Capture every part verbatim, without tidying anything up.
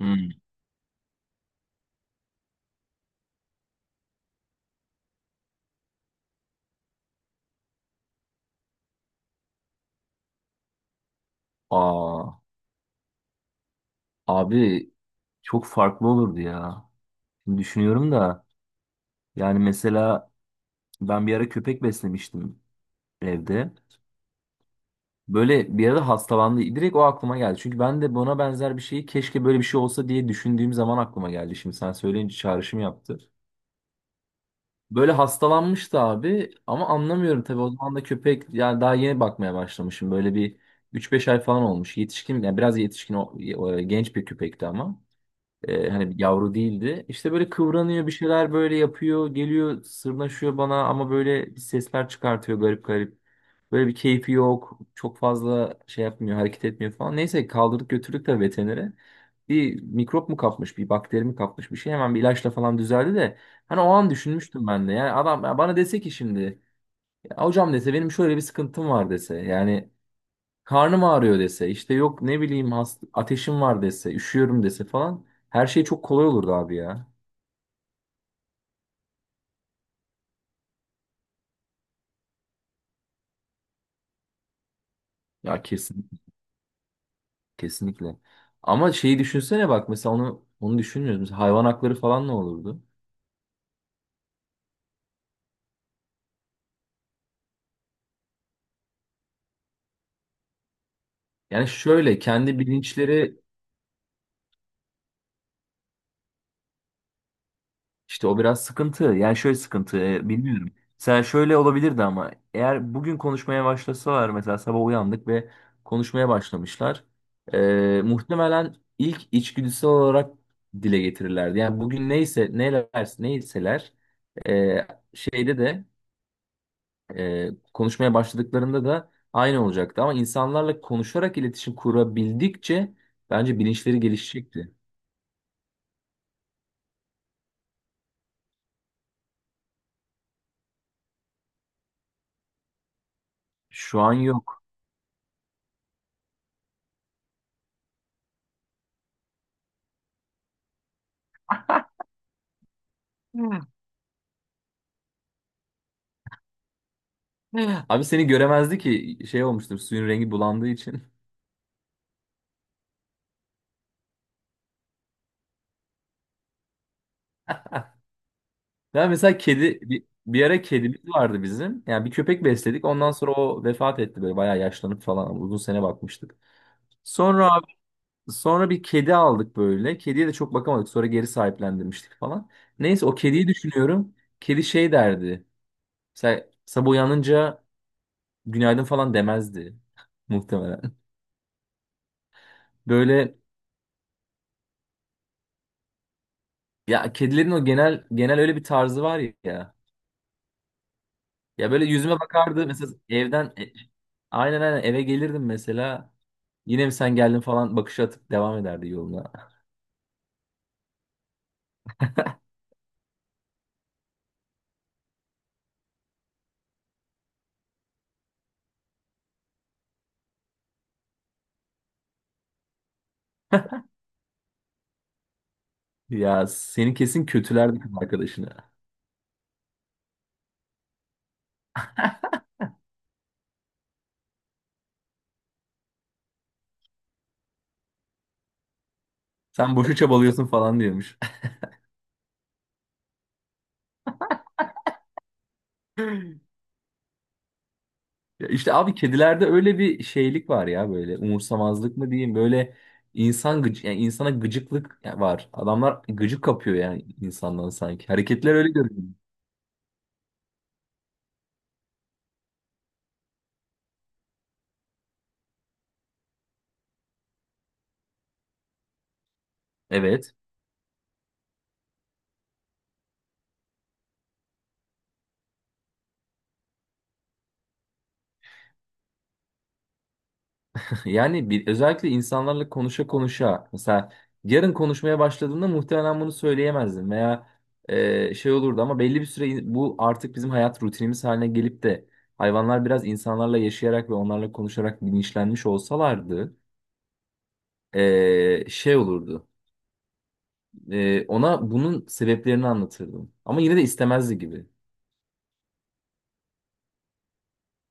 Hmm. Aa, Abi çok farklı olurdu ya. Şimdi düşünüyorum da yani mesela ben bir ara köpek beslemiştim evde. Böyle bir ara hastalandı. Direkt o aklıma geldi. Çünkü ben de buna benzer bir şeyi keşke böyle bir şey olsa diye düşündüğüm zaman aklıma geldi. Şimdi sen söyleyince çağrışım yaptı. Böyle hastalanmıştı abi ama anlamıyorum tabii o zaman da köpek yani daha yeni bakmaya başlamışım. Böyle bir üç beş ay falan olmuş. Yetişkin yani biraz yetişkin o- o- genç bir köpekti ama. Ee, hani yavru değildi. İşte böyle kıvranıyor bir şeyler böyle yapıyor. Geliyor sırnaşıyor bana ama böyle bir sesler çıkartıyor garip garip. Böyle bir keyfi yok. Çok fazla şey yapmıyor hareket etmiyor falan. Neyse kaldırdık götürdük de veterinere. Bir mikrop mu kapmış bir bakteri mi kapmış bir şey hemen bir ilaçla falan düzeldi de. Hani o an düşünmüştüm ben de. Yani adam ya bana dese ki şimdi "Ya hocam dese benim şöyle bir sıkıntım var dese. Yani karnım ağrıyor dese, işte yok ne bileyim hast ateşim var dese, üşüyorum dese falan her şey çok kolay olurdu abi ya. Ya kesin kesinlikle. Ama şeyi düşünsene bak mesela onu onu düşünmüyoruz. Mesela hayvan hakları falan ne olurdu? Yani şöyle kendi bilinçleri İşte o biraz sıkıntı. Yani şöyle sıkıntı, e, bilmiyorum. Mesela şöyle olabilirdi ama eğer bugün konuşmaya başlasalar mesela sabah uyandık ve konuşmaya başlamışlar. E, muhtemelen ilk içgüdüsel olarak dile getirirlerdi. Yani bugün neyse neler neyseler e, şeyde de e, konuşmaya başladıklarında da aynı olacaktı. Ama insanlarla konuşarak iletişim kurabildikçe bence bilinçleri gelişecekti. Şu an yok. Abi seni göremezdi ki şey olmuştur suyun rengi bulandığı için. Ya mesela kedi bir, bir ara kedimiz vardı bizim. Yani bir köpek besledik. Ondan sonra o vefat etti böyle bayağı yaşlanıp falan uzun sene bakmıştık. Sonra abi- Sonra bir kedi aldık böyle. Kediye de çok bakamadık. Sonra geri sahiplendirmiştik falan. Neyse o kediyi düşünüyorum. Kedi şey derdi. Mesela sabah uyanınca günaydın falan demezdi muhtemelen. Böyle ya kedilerin o genel genel öyle bir tarzı var ya. Ya böyle yüzüme bakardı mesela evden e, aynen aynen eve gelirdim mesela yine mi sen geldin falan bakış atıp devam ederdi yoluna. Ya seni kesin kötülerdi kız arkadaşını. Sen boşu çabalıyorsun falan diyormuş. Ya işte abi kedilerde öyle bir şeylik var ya böyle umursamazlık mı diyeyim böyle insan gıcı yani insana gıcıklık var. Adamlar gıcık kapıyor yani insandan sanki. Hareketler öyle görünüyor. Evet. Yani bir, özellikle insanlarla konuşa konuşa mesela yarın konuşmaya başladığında muhtemelen bunu söyleyemezdim veya e, şey olurdu ama belli bir süre in- bu artık bizim hayat rutinimiz haline gelip de hayvanlar biraz insanlarla yaşayarak ve onlarla konuşarak bilinçlenmiş olsalardı e, şey olurdu. E, ona bunun sebeplerini anlatırdım. Ama yine de istemezdi gibi.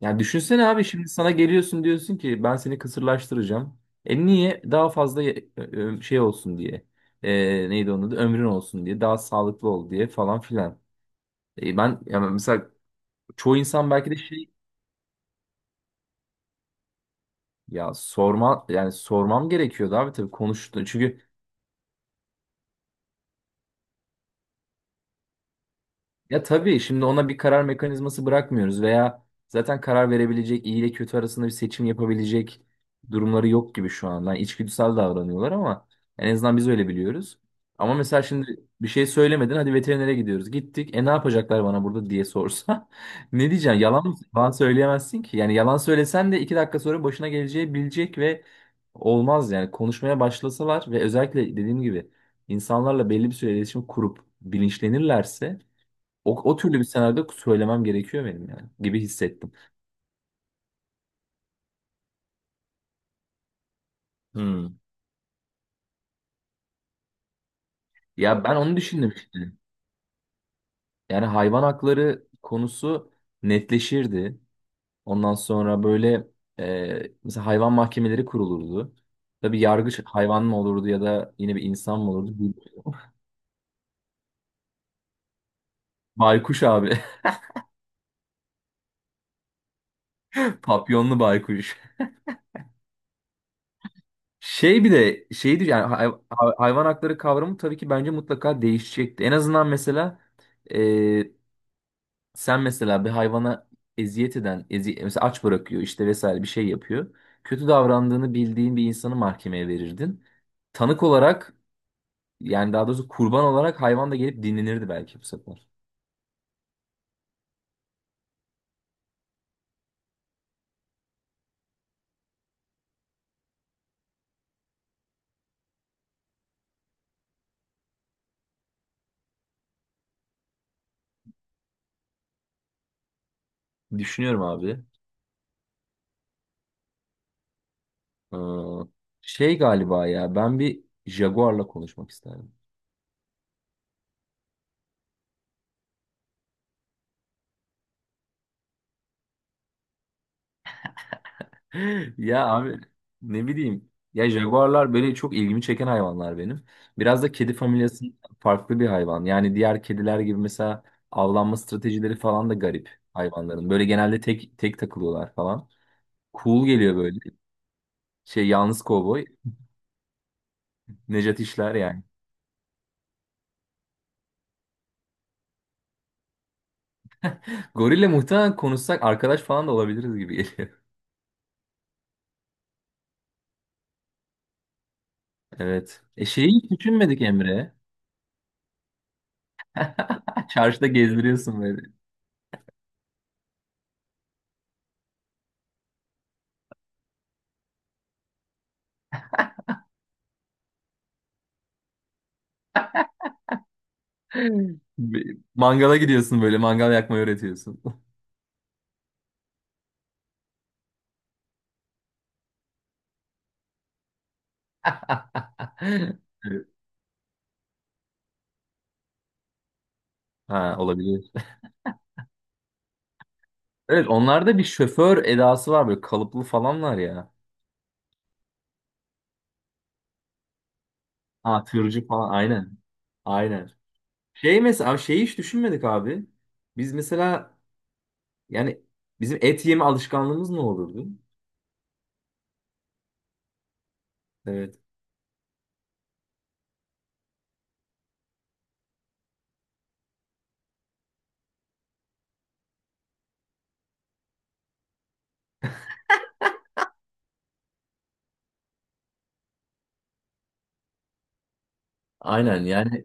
Ya düşünsene abi şimdi sana geliyorsun diyorsun ki ben seni kısırlaştıracağım. E niye? Daha fazla ye- ö- ö- şey olsun diye. E, neydi onun adı? Ömrün olsun diye. Daha sağlıklı ol diye falan filan. E ben yani mesela çoğu insan belki de şey ya sorma yani sormam gerekiyordu abi tabii konuştu. Çünkü ya tabii şimdi ona bir karar mekanizması bırakmıyoruz veya zaten karar verebilecek iyi ile kötü arasında bir seçim yapabilecek durumları yok gibi şu an. Yani içgüdüsel davranıyorlar ama en azından biz öyle biliyoruz. Ama mesela şimdi bir şey söylemedin hadi veterinere gidiyoruz. Gittik e ne yapacaklar bana burada diye sorsa ne diyeceğim? Yalan, mı- yalan söyleyemezsin ki. Yani yalan söylesen de iki dakika sonra başına geleceği bilecek ve olmaz yani. Konuşmaya başlasalar ve özellikle dediğim gibi insanlarla belli bir süre iletişim kurup bilinçlenirlerse o, o türlü bir senaryoda söylemem gerekiyor benim yani gibi hissettim. Hmm. Ya ben onu düşündüm işte. Yani hayvan hakları konusu netleşirdi. Ondan sonra böyle e, mesela hayvan mahkemeleri kurulurdu. Tabii yargıç hayvan mı olurdu ya da yine bir insan mı olurdu? Bir baykuş abi. Papyonlu baykuş. Şey bir de şeydir yani hay- hay- hayvan hakları kavramı tabii ki bence mutlaka değişecekti. En azından mesela e, sen mesela bir hayvana eziyet eden, ezi mesela aç bırakıyor işte vesaire bir şey yapıyor. Kötü davrandığını bildiğin bir insanı mahkemeye verirdin. Tanık olarak yani daha doğrusu kurban olarak hayvan da gelip dinlenirdi belki bu sefer. Düşünüyorum abi. Ee, Şey galiba ya ben bir jaguarla konuşmak isterdim. Ya abi ne bileyim. Ya jaguarlar böyle çok ilgimi çeken hayvanlar benim. Biraz da kedi familyası farklı bir hayvan. Yani diğer kediler gibi mesela avlanma stratejileri falan da garip hayvanların. Böyle genelde tek tek takılıyorlar falan. Cool geliyor böyle. Şey yalnız kovboy. Nejat İşler yani. Gorille muhtemelen konuşsak arkadaş falan da olabiliriz gibi geliyor. Evet. E şeyi hiç düşünmedik Emre. Çarşıda gezdiriyorsun böyle. Mangala gidiyorsun böyle mangal yakmayı öğretiyorsun. Ha olabilir. Evet onlarda bir şoför edası var böyle kalıplı falanlar ya. Ha tırcı falan aynen. Aynen. Şey mesela şeyi hiç düşünmedik abi. Biz mesela yani bizim et yeme alışkanlığımız ne olurdu? Evet. Aynen yani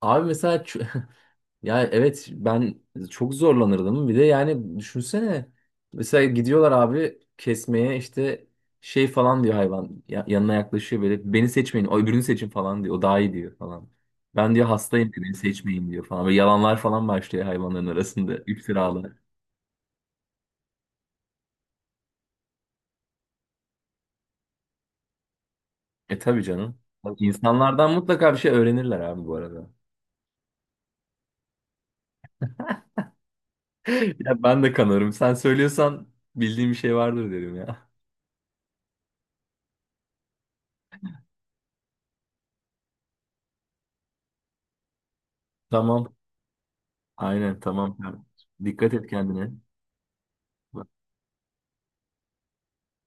Abi mesela ç- ya evet ben çok zorlanırdım. Bir de yani düşünsene mesela gidiyorlar abi kesmeye işte şey falan diyor hayvan Ya- yanına yaklaşıyor böyle beni seçmeyin o öbürünü seçin falan diyor. O daha iyi diyor falan. Ben diyor hastayım diyor, beni seçmeyin diyor falan. Böyle yalanlar falan başlıyor hayvanların arasında iftiralar. E tabii canım. Bak, İnsanlardan mutlaka bir şey öğrenirler abi bu arada. Ya ben de kanarım. Sen söylüyorsan bildiğim bir şey vardır derim ya. Tamam. Aynen tamam. Dikkat et kendine.